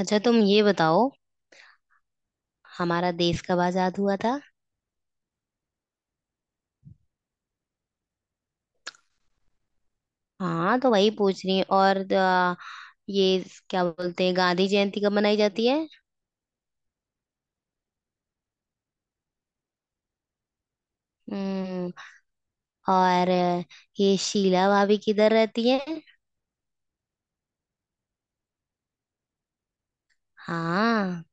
अच्छा, तुम ये बताओ, हमारा देश कब आजाद हुआ था। हाँ, तो वही पूछ रही हूँ। और ये, क्या बोलते हैं, गांधी जयंती कब मनाई जाती है। हम्म। और ये शीला भाभी किधर रहती है। हाँ।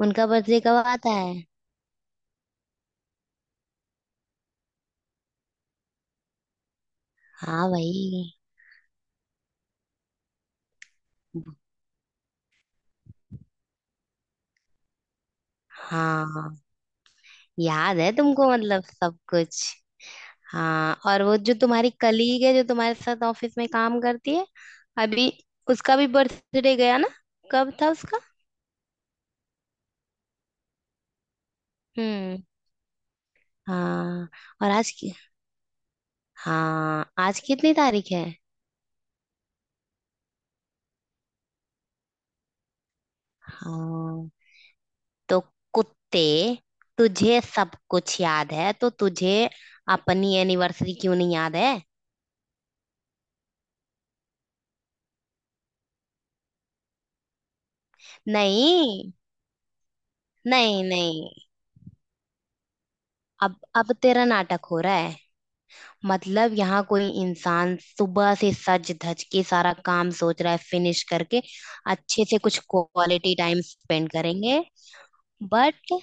उनका बर्थडे कब आता है। हाँ वही। हाँ, याद है तुमको मतलब सब कुछ। हाँ। और वो जो तुम्हारी कलीग है, जो तुम्हारे साथ ऑफिस में काम करती है, अभी उसका भी बर्थडे गया ना। कब था उसका। हम्म। हाँ। और आज की, हाँ, आज कितनी तारीख है। हाँ, तो कुत्ते, तुझे सब कुछ याद है तो तुझे अपनी एनिवर्सरी क्यों नहीं याद है। नहीं, नहीं, नहीं। अब तेरा नाटक हो रहा है। मतलब यहाँ कोई इंसान सुबह से सज धज के सारा काम सोच रहा है, फिनिश करके अच्छे से कुछ क्वालिटी टाइम स्पेंड करेंगे। बट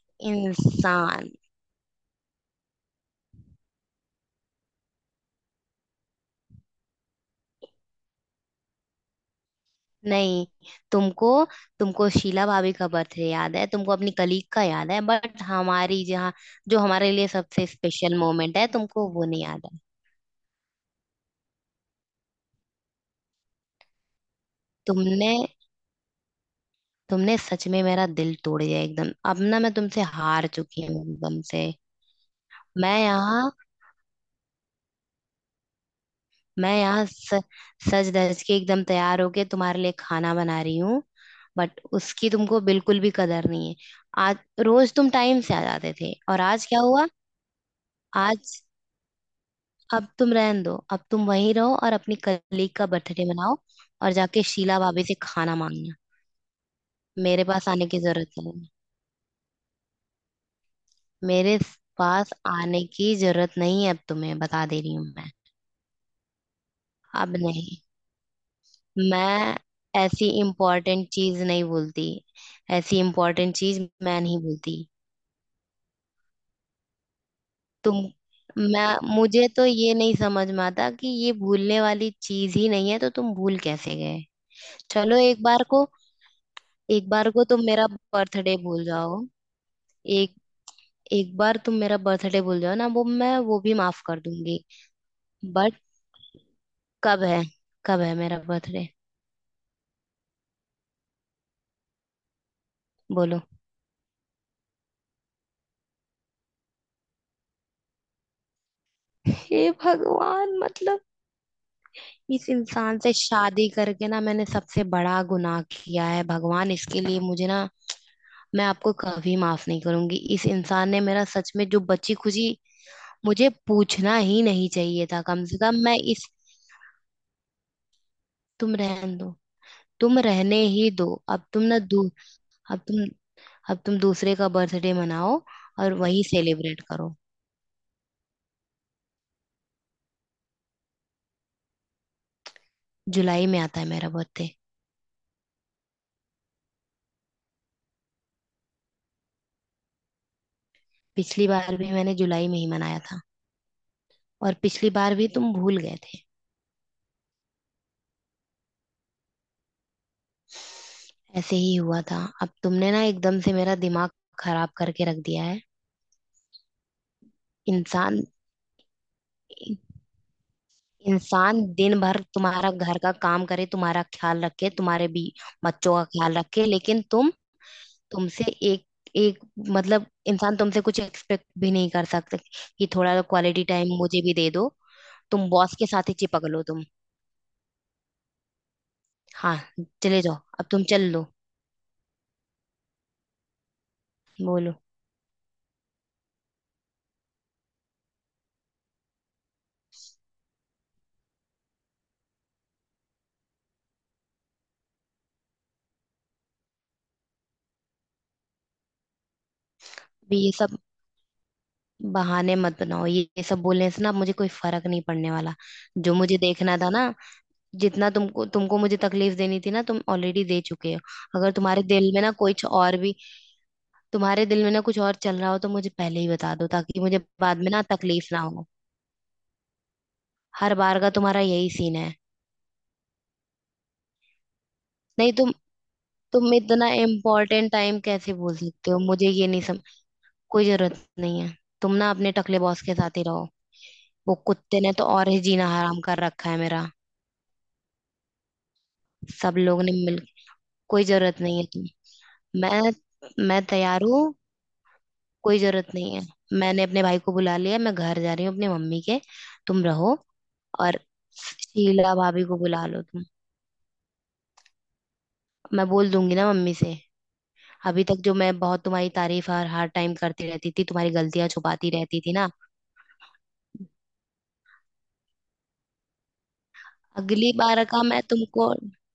इंसान, नहीं, तुमको तुमको शीला भाभी का बर्थडे याद है, तुमको अपनी कलीग का याद है, बट हमारी जहाँ, जो हमारे लिए सबसे स्पेशल मोमेंट है, तुमको वो नहीं याद है। तुमने तुमने सच में मेरा दिल तोड़ दिया एकदम। अब ना मैं तुमसे हार चुकी हूँ एकदम से। मैं यहाँ मैं यहाँ सज धज के एकदम तैयार होके तुम्हारे लिए खाना बना रही हूँ। बट उसकी तुमको बिल्कुल भी कदर नहीं है। आज, रोज तुम टाइम से आ जाते थे और आज क्या हुआ। आज। अब तुम रहन दो, अब तुम वहीं रहो और अपनी कलीग का बर्थडे मनाओ। और जाके शीला भाभी से खाना मांगना। मेरे पास आने की जरूरत नहीं है। मेरे पास आने की जरूरत नहीं है, अब तुम्हें बता दे रही हूँ मैं। अब नहीं। मैं ऐसी इम्पोर्टेंट चीज नहीं भूलती। ऐसी इम्पोर्टेंट चीज मैं नहीं भूलती। तुम, मैं, मुझे तो ये नहीं समझ में आता कि ये भूलने वाली चीज ही नहीं है, तो तुम भूल कैसे गए। चलो, एक बार को तुम मेरा बर्थडे भूल जाओ। एक एक बार तुम मेरा बर्थडे भूल जाओ ना, वो, मैं वो भी माफ कर दूंगी। बट कब है, कब है मेरा बर्थडे, बोलो। हे भगवान, मतलब इस इंसान से शादी करके ना मैंने सबसे बड़ा गुनाह किया है। भगवान, इसके लिए मुझे ना, मैं आपको कभी माफ नहीं करूंगी। इस इंसान ने मेरा सच में जो बची खुची, मुझे पूछना ही नहीं चाहिए था कम से कम, मैं इस। तुम रहने दो, तुम रहने ही दो। अब तुम ना दू, अब तुम, अब तुम दूसरे का बर्थडे मनाओ और वही सेलिब्रेट करो। जुलाई में आता है मेरा बर्थडे। पिछली बार भी मैंने जुलाई में ही मनाया था, और पिछली बार भी तुम भूल गए थे। ऐसे ही हुआ था। अब तुमने ना एकदम से मेरा दिमाग खराब करके रख दिया है। इंसान, इंसान दिन भर तुम्हारा घर का काम करे, तुम्हारा ख्याल रखे, तुम्हारे भी बच्चों का ख्याल रखे, लेकिन तुमसे एक, एक, मतलब इंसान तुमसे कुछ एक्सपेक्ट भी नहीं कर सकता कि थोड़ा क्वालिटी टाइम मुझे भी दे दो। तुम बॉस के साथ ही चिपक लो तुम। हाँ, चले जाओ, अब तुम चल लो। बोलो। अभी ये सब बहाने मत बनाओ, ये सब बोलने से ना मुझे कोई फर्क नहीं पड़ने वाला। जो मुझे देखना था ना, जितना तुमको तुमको मुझे तकलीफ देनी थी ना, तुम ऑलरेडी दे चुके हो। अगर तुम्हारे दिल में ना कुछ और भी, तुम्हारे दिल में ना कुछ और चल रहा हो, तो मुझे पहले ही बता दो, ताकि मुझे बाद में ना तकलीफ ना हो। हर बार का तुम्हारा यही सीन है। नहीं तुम, इतना इम्पोर्टेंट टाइम कैसे बोल सकते हो, मुझे ये नहीं समझ। कोई जरूरत नहीं है। तुम ना अपने टकले बॉस के साथ ही रहो, वो कुत्ते ने तो और ही जीना हराम कर रखा है मेरा। सब लोग ने मिल। कोई जरूरत नहीं है तुम। मैं मैं तैयार हूँ। कोई जरूरत नहीं है। मैंने अपने भाई को बुला लिया, मैं घर जा रही हूँ अपनी मम्मी के। तुम रहो और शीला भाभी को बुला लो तुम। मैं बोल दूंगी ना मम्मी से। अभी तक जो मैं बहुत तुम्हारी तारीफ हर हर टाइम करती रहती थी, तुम्हारी गलतियां छुपाती रहती थी ना। अगली बार का मैं तुमको अग,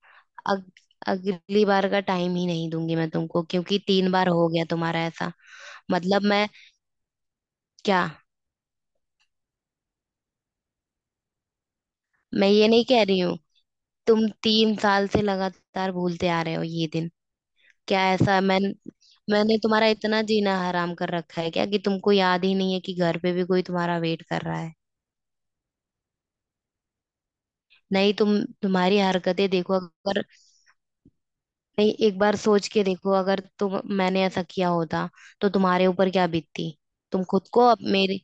अगली बार का टाइम ही नहीं दूंगी मैं तुमको, क्योंकि 3 बार हो गया तुम्हारा ऐसा। मतलब मैं, क्या, मैं ये नहीं कह रही हूँ, तुम 3 साल से लगातार भूलते आ रहे हो ये दिन। क्या ऐसा मैंने तुम्हारा इतना जीना हराम कर रखा है क्या, कि तुमको याद ही नहीं है कि घर पे भी कोई तुम्हारा वेट कर रहा है। नहीं तुम, तुम्हारी हरकतें देखो अगर, नहीं, एक बार सोच के देखो, अगर तुम, मैंने ऐसा किया होता तो तुम्हारे ऊपर क्या बीतती। तुम खुद को अब मेरे,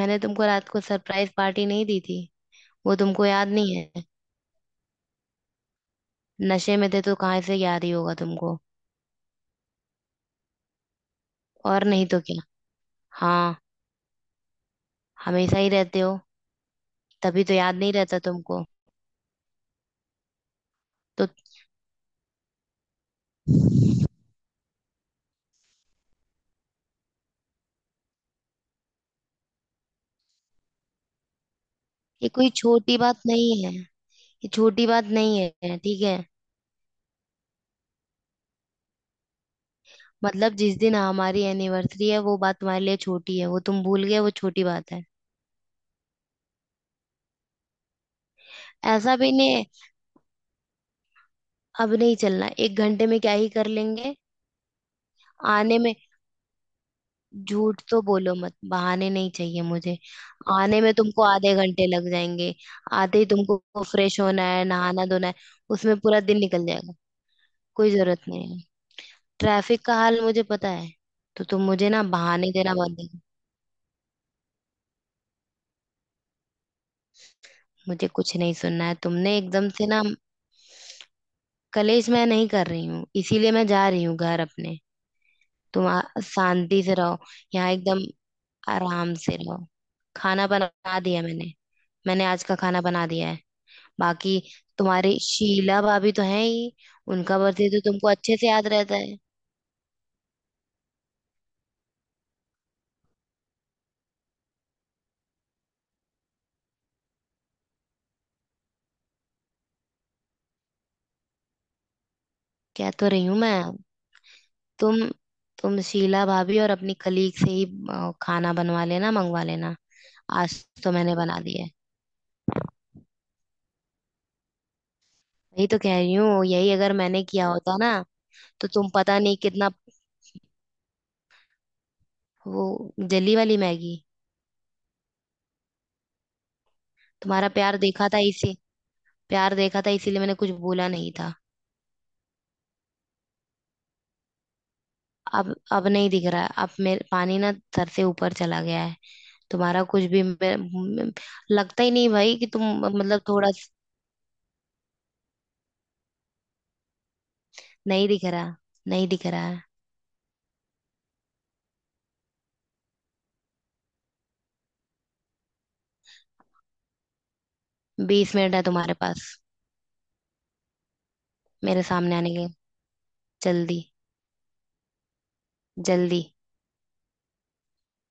मैंने तुमको रात को सरप्राइज पार्टी नहीं दी थी। वो तुमको याद नहीं है। नशे में थे तो कहाँ से याद ही होगा तुमको। और नहीं तो क्या। हाँ, हमेशा ही रहते हो, तभी तो याद नहीं रहता तुमको तो। ये कोई छोटी बात नहीं है। ये छोटी बात नहीं है, ठीक है। मतलब जिस दिन हमारी एनिवर्सरी है, वो बात तुम्हारे लिए छोटी है, वो तुम भूल गए, वो छोटी बात है। ऐसा भी नहीं है, अब नहीं चलना, एक घंटे में क्या ही कर लेंगे। आने में, झूठ तो बोलो मत, बहाने नहीं चाहिए मुझे। आने में तुमको आधे घंटे लग जाएंगे, आते ही तुमको फ्रेश होना है, नहाना धोना है, उसमें पूरा दिन निकल जाएगा। कोई जरूरत नहीं है, ट्रैफिक का हाल मुझे पता है, तो तुम मुझे ना बहाने देना बंद करो। मुझे कुछ नहीं सुनना है, तुमने एकदम से ना। कलेश मैं नहीं कर रही हूँ, इसीलिए मैं जा रही हूँ घर अपने। तुम शांति से रहो यहाँ एकदम, आराम से रहो। खाना बना दिया मैंने मैंने आज का खाना बना दिया है। बाकी तुम्हारी शीला भाभी तो है ही, उनका बर्थडे तो तुमको अच्छे से याद रहता है। कह तो रही हूँ मैं। तुम तुम शीला भाभी और अपनी कलीग से ही खाना बनवा लेना, मंगवा लेना। आज तो मैंने बना दिया है। यही तो कह रही हूँ यही, अगर मैंने किया होता ना, तो तुम पता नहीं कितना। वो जली वाली मैगी, तुम्हारा प्यार देखा था इसी प्यार देखा था इसीलिए मैंने कुछ बोला नहीं था। अब नहीं दिख रहा है, अब मेरे पानी ना सर से ऊपर चला गया है। तुम्हारा कुछ भी मे- मे- लगता ही नहीं भाई कि तुम, मतलब थोड़ा नहीं दिख रहा, नहीं दिख रहा है। 20 मिनट है तुम्हारे पास मेरे सामने आने के लिए। जल्दी, जल्दी।